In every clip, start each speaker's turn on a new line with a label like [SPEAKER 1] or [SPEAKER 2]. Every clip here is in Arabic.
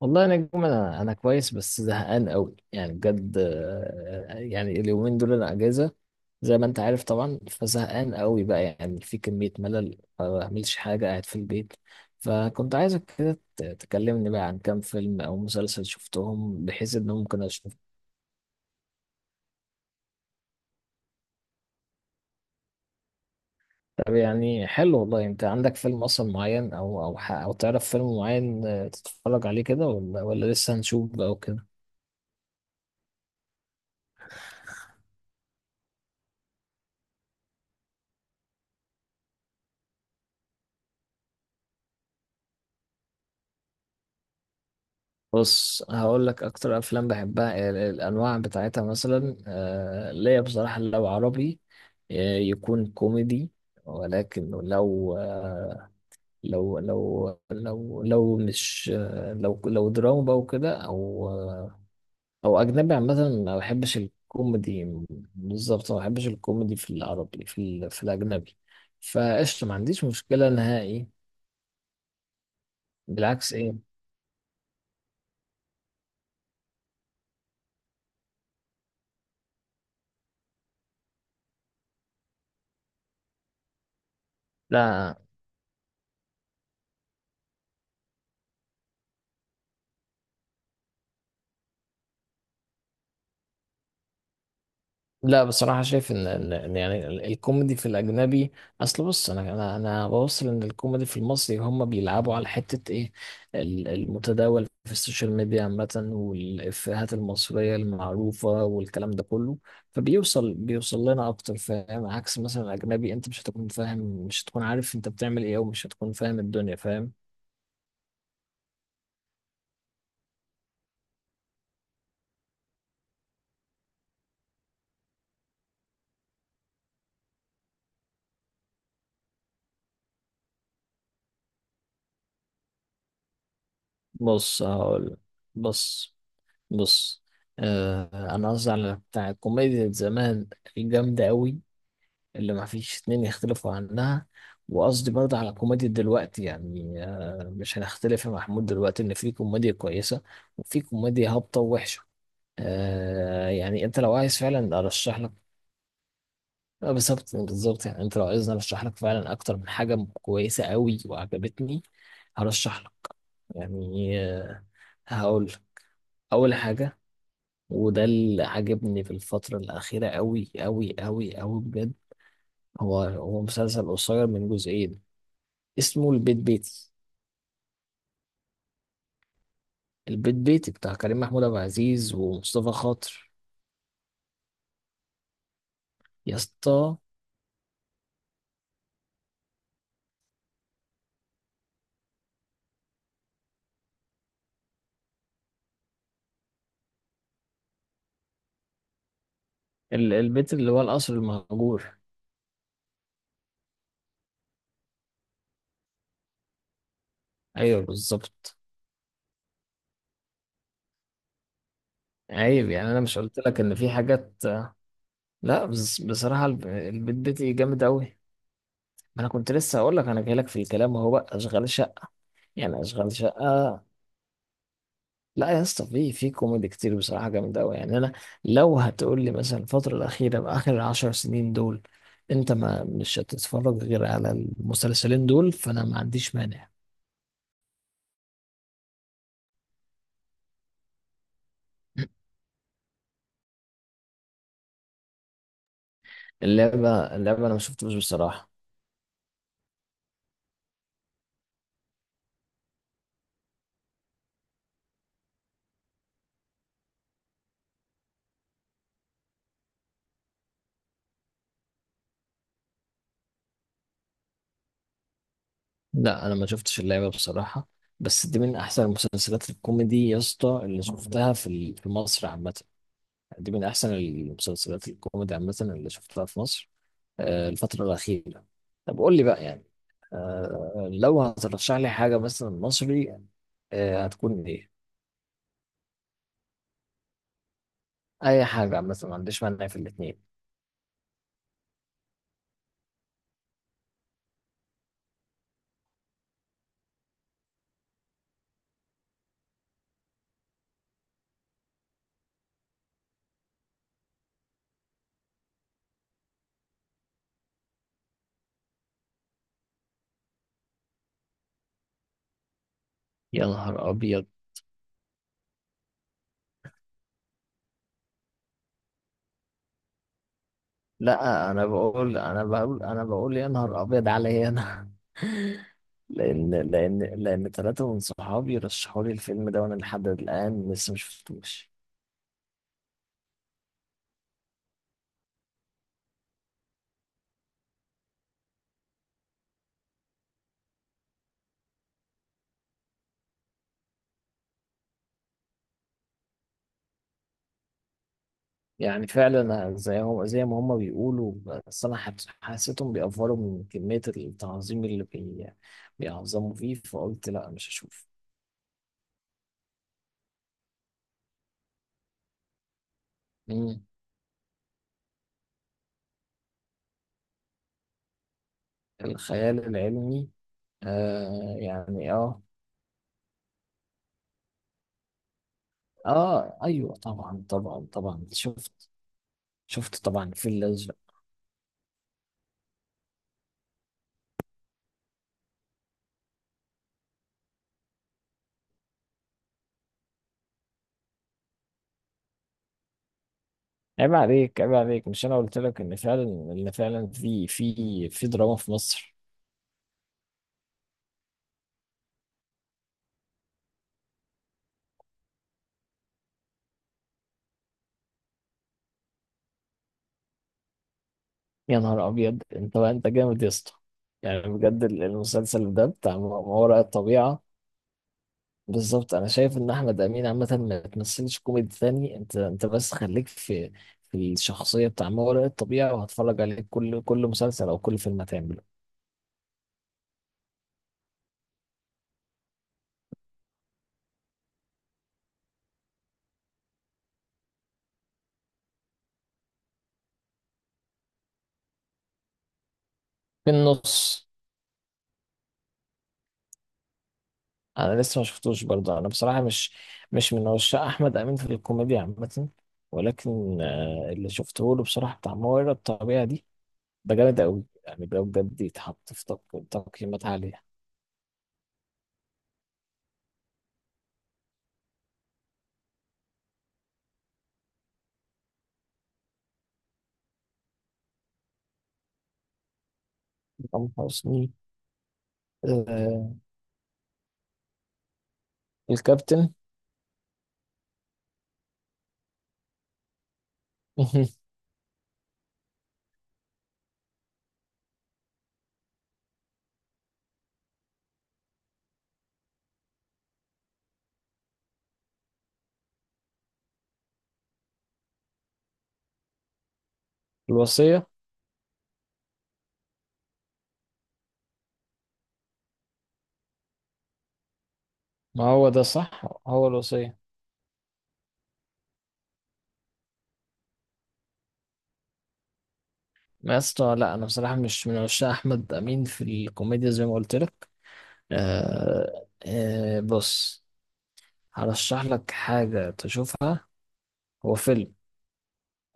[SPEAKER 1] والله يا نجم، انا كويس، بس زهقان قوي يعني بجد. يعني اليومين دول انا اجازه، زي ما انت عارف طبعا، فزهقان قوي بقى، يعني في كميه ملل، ما بعملش حاجه قاعد في البيت. فكنت عايزك كده تكلمني بقى عن كام فيلم او مسلسل شفتهم، بحيث ان ممكن اشوف. طب يعني حلو والله، انت عندك فيلم اصلا معين، او تعرف فيلم معين تتفرج عليه كده، ولا لسه هنشوف بقى؟ بص، هقول لك اكتر افلام بحبها الانواع بتاعتها، مثلا ليا بصراحه، لو عربي يكون كوميدي، ولكن لو مش آه، لو لو دراما بقى وكده، او اجنبي عامه ما بحبش الكوميدي. بالظبط، ما بحبش الكوميدي في العربي، في الاجنبي، فقشطه ما عنديش مشكله نهائي. بالعكس، ايه؟ لا، لا، بصراحة شايف إن يعني الكوميدي في الأجنبي. أصل بص، أنا بوصل إن الكوميدي في المصري، هم بيلعبوا على حتة إيه؟ المتداول في السوشيال ميديا عامة، والإفيهات المصرية المعروفة، والكلام ده كله. فبيوصل لنا أكتر، فاهم؟ عكس مثلا الأجنبي، أنت مش هتكون فاهم، مش هتكون عارف أنت بتعمل إيه، ومش هتكون فاهم الدنيا، فاهم؟ بص هقول بص بص أنا قصدي على بتاع الكوميديا زمان، الجامدة أوي، اللي ما فيش اتنين يختلفوا عنها. وقصدي برضه على كوميديا دلوقتي، يعني مش هنختلف يا محمود دلوقتي ان في كوميديا كويسة، وفي كوميديا هابطة ووحشة. يعني انت لو عايز فعلا ارشح لك، بالظبط بالظبط. يعني انت لو عايزني ارشح لك فعلا اكتر من حاجة كويسة قوي وعجبتني، هرشح لك. يعني، هقول اول حاجة، وده اللي عجبني في الفترة الأخيرة قوي قوي قوي قوي بجد. هو مسلسل قصير من جزئين، اسمه البيت بيتي. البيت بيتي بتاع كريم محمود عبد العزيز ومصطفى خاطر، يا اسطى. البيت اللي هو القصر المهجور، ايوه بالظبط. عيب يعني، انا مش قلت لك ان في حاجات؟ لا بس بصراحه البيت بيتي جامد قوي. انا كنت لسه هقول لك، انا جاي لك في الكلام اهو بقى، اشغال شقه. يعني اشغال شقه. لا يا اسطى، في كوميدي كتير بصراحه جامد قوي، يعني انا لو هتقول لي مثلا الفتره الاخيره اخر 10 سنين دول، انت ما مش هتتفرج غير على المسلسلين دول، فانا ما عنديش مانع. اللعبه، انا ما شفتوش بصراحه. لا انا ما شفتش اللعبه بصراحه، بس دي من احسن المسلسلات الكوميدي يا اسطى، اللي شفتها في مصر عامه. دي من أحسن المسلسلات الكوميدي عامة اللي شفتها في مصر، الفترة الأخيرة. طب قول لي بقى، يعني لو هترشح لي حاجة مثلا مصري، هتكون إيه؟ أي حاجة مثلا، ما عنديش مانع في الاتنين. يا نهار أبيض! لا، أنا بقول يا نهار أبيض عليا أنا. لأن 3 من صحابي رشحوا لي الفيلم ده، وأنا لحد الآن لسه مشفتوش. يعني فعلا، زي ما هم بيقولوا، بس انا حسيتهم بيأفوروا من كمية التعظيم اللي بيعظموا فيه، فقلت لا، مش هشوف. مم. الخيال العلمي، يعني اه. اه، ايوه طبعا طبعا طبعا شفت. شفت طبعا، في الازرق. عيب عليك، عيب عليك، مش انا قلت لك ان فعلا في دراما في مصر؟ يا نهار ابيض، انت بقى انت جامد يا اسطى! يعني بجد، المسلسل ده بتاع ما وراء الطبيعة. بالظبط، انا شايف ان احمد امين عامه ما تمثلش كوميدي تاني. انت بس خليك في الشخصيه بتاع ما وراء الطبيعه، وهتفرج عليه كل مسلسل او كل فيلم هتعمله. في النص. انا لسه ما شفتوش برضه، انا بصراحه مش من عشاق احمد امين في الكوميديا عامه. ولكن اللي شفته له بصراحه، بتاع ما وراء الطبيعه دي، ده جامد قوي. يعني ده بجد يتحط في تقييمات عاليه. حسام حسني، آه، الكابتن. الوصية. ما هو ده صح! هو الوصية. ما يا اسطى، لا انا بصراحة مش من عشاق احمد امين في الكوميديا زي ما قلت لك. بص، هرشح لك حاجة تشوفها. هو فيلم،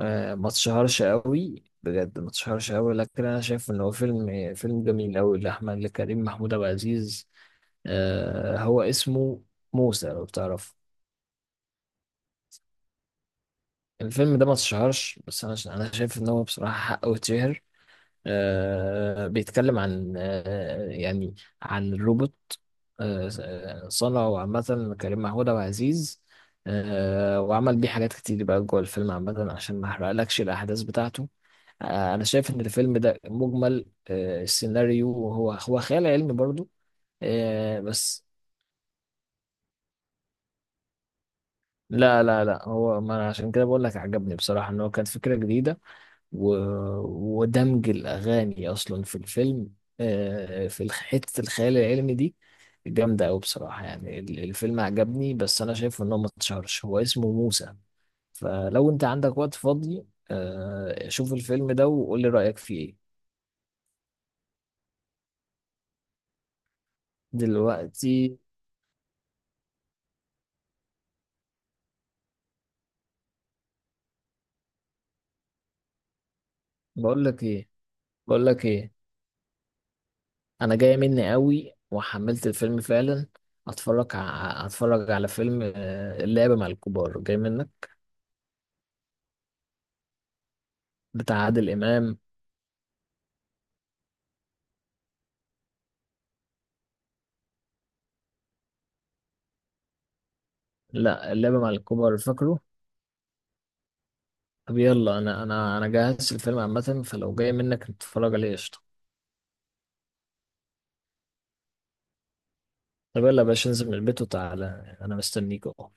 [SPEAKER 1] ما تشهرش قوي بجد. ما تشهرش قوي، لكن انا شايف ان هو فيلم فيلم جميل قوي لكريم محمود عبد العزيز. هو اسمه موسى، لو بتعرف. الفيلم ده ما تشهرش، بس انا شايف ان هو بصراحة حقه يتشهر. بيتكلم عن، يعني، عن روبوت. صنعه عامة كريم محمود عبد العزيز، وعمل بيه حاجات كتير بقى جوه الفيلم عامة، عشان ما احرقلكش الأحداث بتاعته. أنا شايف إن الفيلم ده مجمل، السيناريو، هو خيال علمي برضو، بس. لا، لا، لا، هو ما أنا عشان كده بقول لك عجبني بصراحة، إن هو كانت فكرة جديدة، و... ودمج الأغاني أصلا في الفيلم، في حتة الخيال العلمي دي. جامدة أوي بصراحة، يعني الفيلم عجبني، بس أنا شايف إن هو ما اتشهرش. هو اسمه موسى، فلو أنت عندك وقت فاضي شوف الفيلم ده وقول لي رأيك فيه إيه. دلوقتي؟ بقول لك إيه، بقول لك إيه، أنا جاية مني أوي وحملت الفيلم فعلا. هتفرج على فيلم اللعبة مع الكبار، جاي منك؟ بتاع عادل إمام. لا، اللعبة مع الكبار، فاكره؟ طب يلا، انا جهزت الفيلم عامة، فلو جاي منك نتفرج عليه، قشطة. طب يلا يا باشا، انزل من البيت وتعالى، انا مستنيك اهو.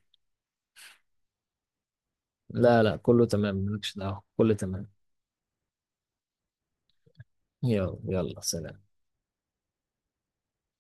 [SPEAKER 1] لا، لا، كله تمام، مالكش دعوة، كله تمام. يلا يلا، سلام.